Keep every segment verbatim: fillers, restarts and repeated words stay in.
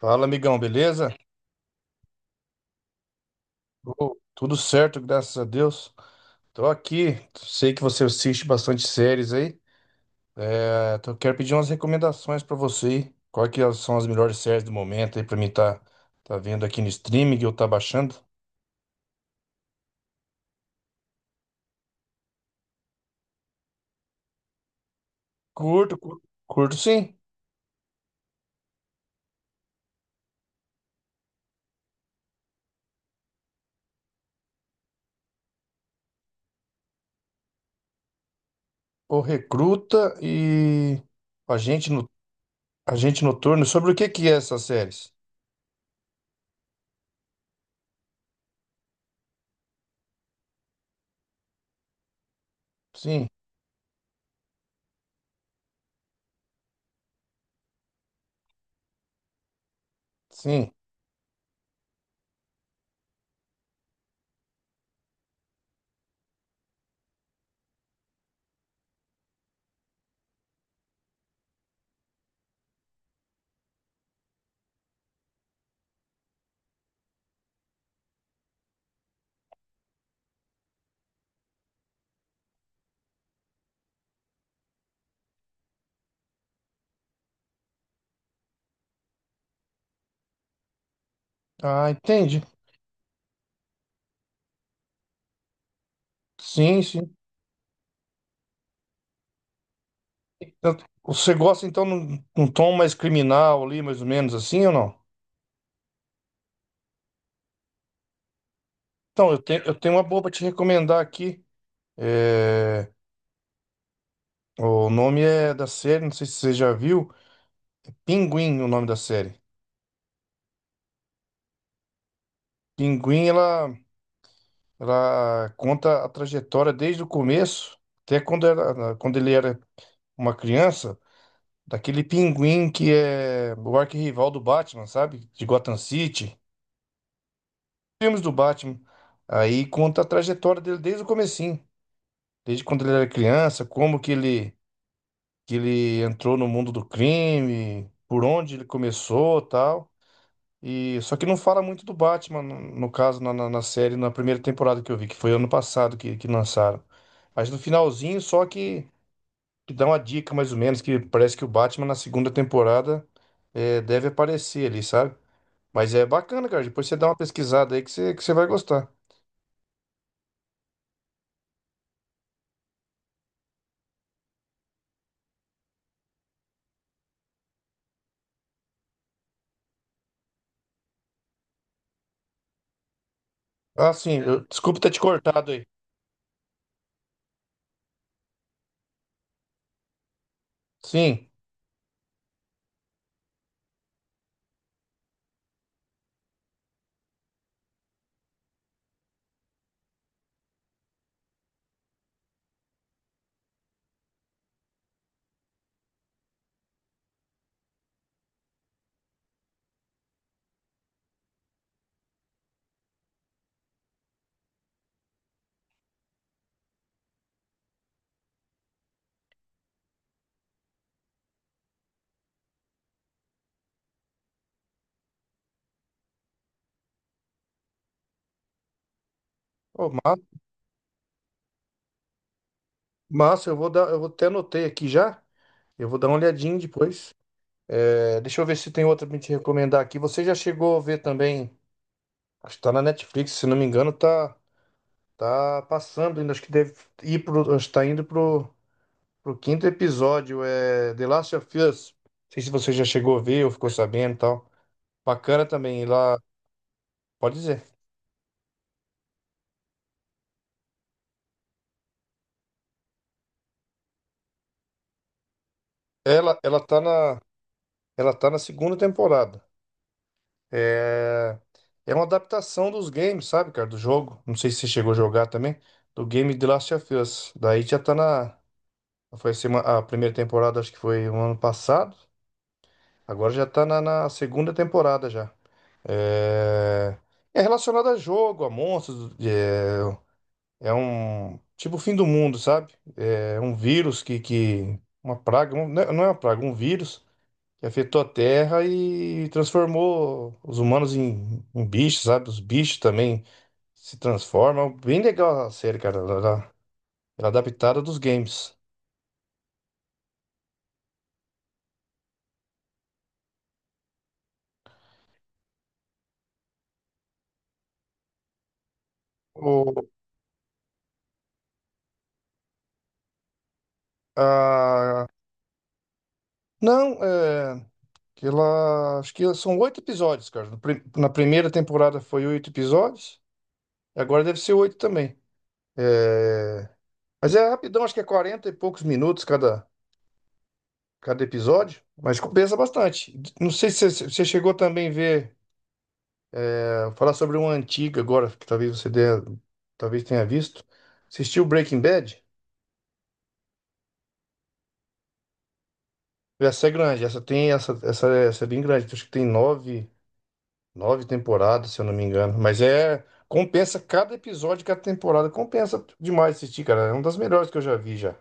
Fala, amigão, beleza? Ô, tudo certo, graças a Deus. Tô aqui, sei que você assiste bastante séries aí. É, tô- quero pedir umas recomendações pra você aí. Quais que são as melhores séries do momento aí pra mim tá, tá vendo aqui no streaming ou tá baixando? Curto, curto, curto sim. O Recruta e Agente, no, Agente Noturno. Sobre o que que é essas séries? Sim, sim. Ah, entendi. Sim, sim. Tanto- Você gosta então num, num tom mais criminal ali, mais ou menos assim ou não? Então, eu tenho, eu tenho uma boa pra te recomendar aqui. É, O nome é da série, não sei se você já viu. Pinguim, o nome da série. Pinguim, ela, ela conta a trajetória desde o começo, até quando, era, quando ele era uma criança, daquele pinguim que é o arquirrival do Batman, sabe? De Gotham City. Filmes do Batman. Aí conta a trajetória dele desde o comecinho. Desde quando ele era criança, como que ele, que ele entrou no mundo do crime, por onde ele começou, tal. E só que não fala muito do Batman, no, no caso na, na, na série, na primeira temporada que eu vi, que foi ano passado que, que lançaram. Mas no finalzinho só que, que dá uma dica mais ou menos que parece que o Batman na segunda temporada eh, deve aparecer ali, sabe? Mas é bacana, cara. Depois você dá uma pesquisada aí que você, que você vai gostar. Ah, sim. Eu- desculpa ter te cortado aí. Sim. Ô, massa, eu vou dar, eu vou até anotei aqui já. Eu vou dar uma olhadinha depois. É, deixa eu ver se tem outra pra te recomendar aqui. Você já chegou a ver também? Acho que tá na Netflix, se não me engano, tá, tá passando ainda. Acho que deve ir pro, acho que tá indo pro, pro quinto episódio. É The Last of Us. Não sei se você já chegou a ver ou ficou sabendo e tal. Bacana também. E Lá, pode dizer. Ela, ela tá na, ela tá na segunda temporada. É, é uma adaptação dos games, sabe, cara? Do jogo. Não sei se você chegou a jogar também. Do game The Last of Us. Daí já tá na. Foi a sema- a primeira temporada, acho que foi o ano passado. Agora já tá na, na segunda temporada já. É, é relacionado a jogo, a monstros. É, é um. Tipo o fim do mundo, sabe? É um vírus que, que. Uma praga. um- Não é não é uma praga, um vírus que afetou a Terra e transformou os humanos em, em bichos, sabe? Os bichos também se transformam. Bem legal a série, cara. Ela, ela- ela é adaptada dos games. O, a, não, é, Que ela, acho que são oito episódios, cara. No pri- Na primeira temporada foi oito episódios, e agora deve ser oito também. É, mas é rapidão, acho que é quarenta e poucos minutos cada, cada episódio, mas compensa bastante. Não sei se você você chegou também a ver. Vou falar sobre uma antiga agora, que talvez você dê- talvez tenha visto. Assistiu Breaking Bad? Essa é grande, essa tem essa, essa, é- essa é bem grande. Então acho que tem nove, nove temporadas, se eu não me engano. Mas é compensa cada episódio, cada temporada. Compensa demais assistir, cara. É uma das melhores que eu já vi já.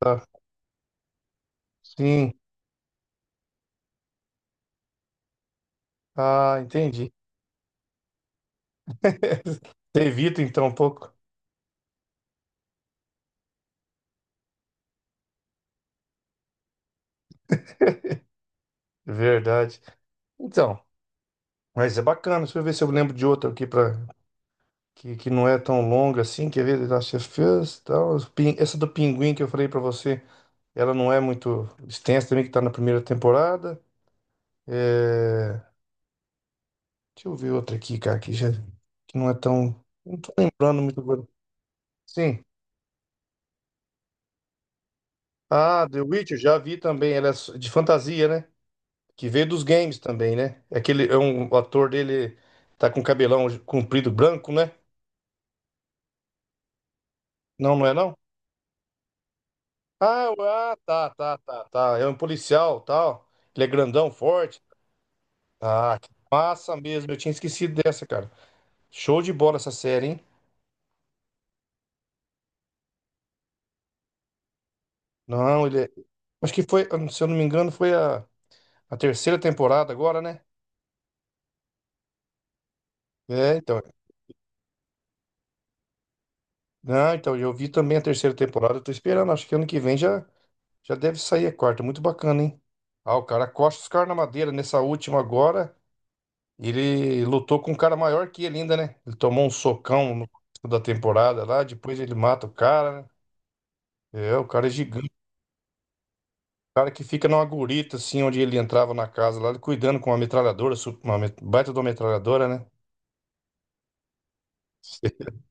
Ah, sim. Ah, entendi. Você evita então um pouco. Verdade. Então, mas é bacana. Deixa eu ver se eu lembro de outra aqui para que, que não é tão longa assim, quer ver? The Last of Us, tal. Os pin- Essa do Pinguim que eu falei pra você, ela não é muito extensa também, que tá na primeira temporada. É, deixa eu ver outra aqui, cara, que já que não é tão. Não tô lembrando muito agora. Sim. Ah, The Witcher, já vi também, ela é s- de fantasia, né? Que veio dos games também, né? Aquele, é um O ator dele tá com cabelão comprido branco, né? Não, não é não? Ah, o- ah, tá, tá, tá, tá. É um policial, tal. Ele é grandão, forte. Ah, que massa mesmo. Eu tinha esquecido dessa, cara. Show de bola essa série, hein? Não, ele é... Acho que foi, hum, se eu não me engano, foi a, a terceira temporada agora, né? É, então. Não, então, eu vi também a terceira temporada. Eu tô esperando. Acho que ano que vem já, já deve sair a quarta. Muito bacana, hein? Ah, o cara costa os caras na madeira. Nessa última agora, ele lutou com um cara maior que ele ainda, né? Ele tomou um socão no começo da temporada lá. Depois ele mata o cara, né? É, o cara é gigante. Cara que fica numa gurita, assim, onde ele entrava na casa lá, ele cuidando com uma metralhadora, su- uma met- baita de uma metralhadora, né?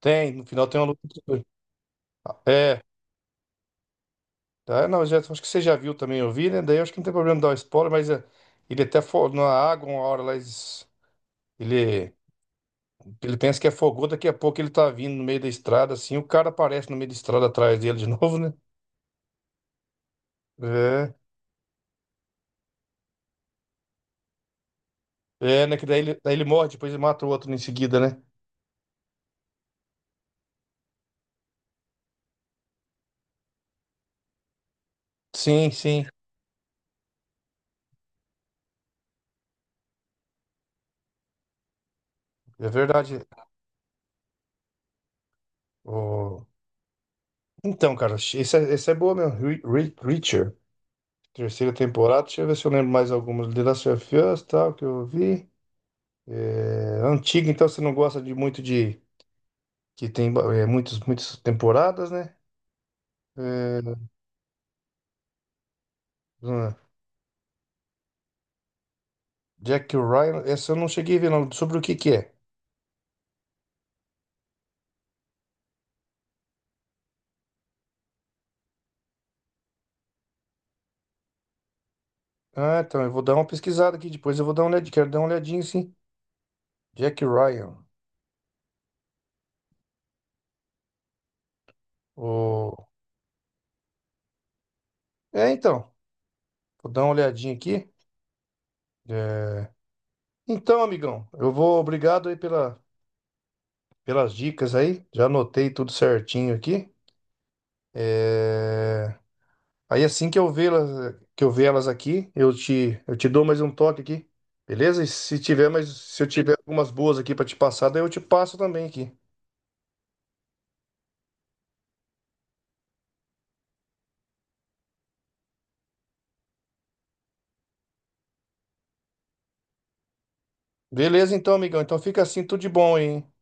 Tem, no final tem uma luta entre os dois. É, tá, não, já, Acho que você já viu também, eu vi, né? Daí eu acho que não tem problema dar o spoiler, mas é, ele até fo- na água uma hora lá, eles- ele, ele pensa que afogou, daqui a pouco ele tá vindo no meio da estrada, assim, o cara aparece no meio da estrada atrás dele de novo, né? É, é, né? Que daí ele, daí ele morre, depois ele mata o outro em seguida, né? Sim, sim, é verdade. Então, cara, esse é, esse é boa mesmo. Re- Re- Reacher, terceira temporada. Deixa eu ver se eu lembro mais algumas. The Last of Us, tal, que eu vi. É, antiga, então você não gosta de muito de. Que tem ba- é, muitas, muitas temporadas, né? É, hum, Jack Ryan, essa eu não cheguei a ver, não. Sobre o que que é? Ah, então, eu vou dar uma pesquisada aqui depois. Eu vou dar uma olhadinha. Quero dar uma olhadinha, sim. Jack Ryan. O... É, então. Vou dar uma olhadinha aqui. É, Então, amigão, eu vou. Obrigado aí pela. Pelas dicas aí. Já anotei tudo certinho aqui. É, Aí assim que eu vê-las, que eu ver elas aqui, eu te, eu te dou mais um toque aqui. Beleza? E se tiver mais, se eu tiver algumas boas aqui para te passar, daí eu te passo também aqui. Beleza, então, amigão. Então fica assim, tudo de bom aí, hein?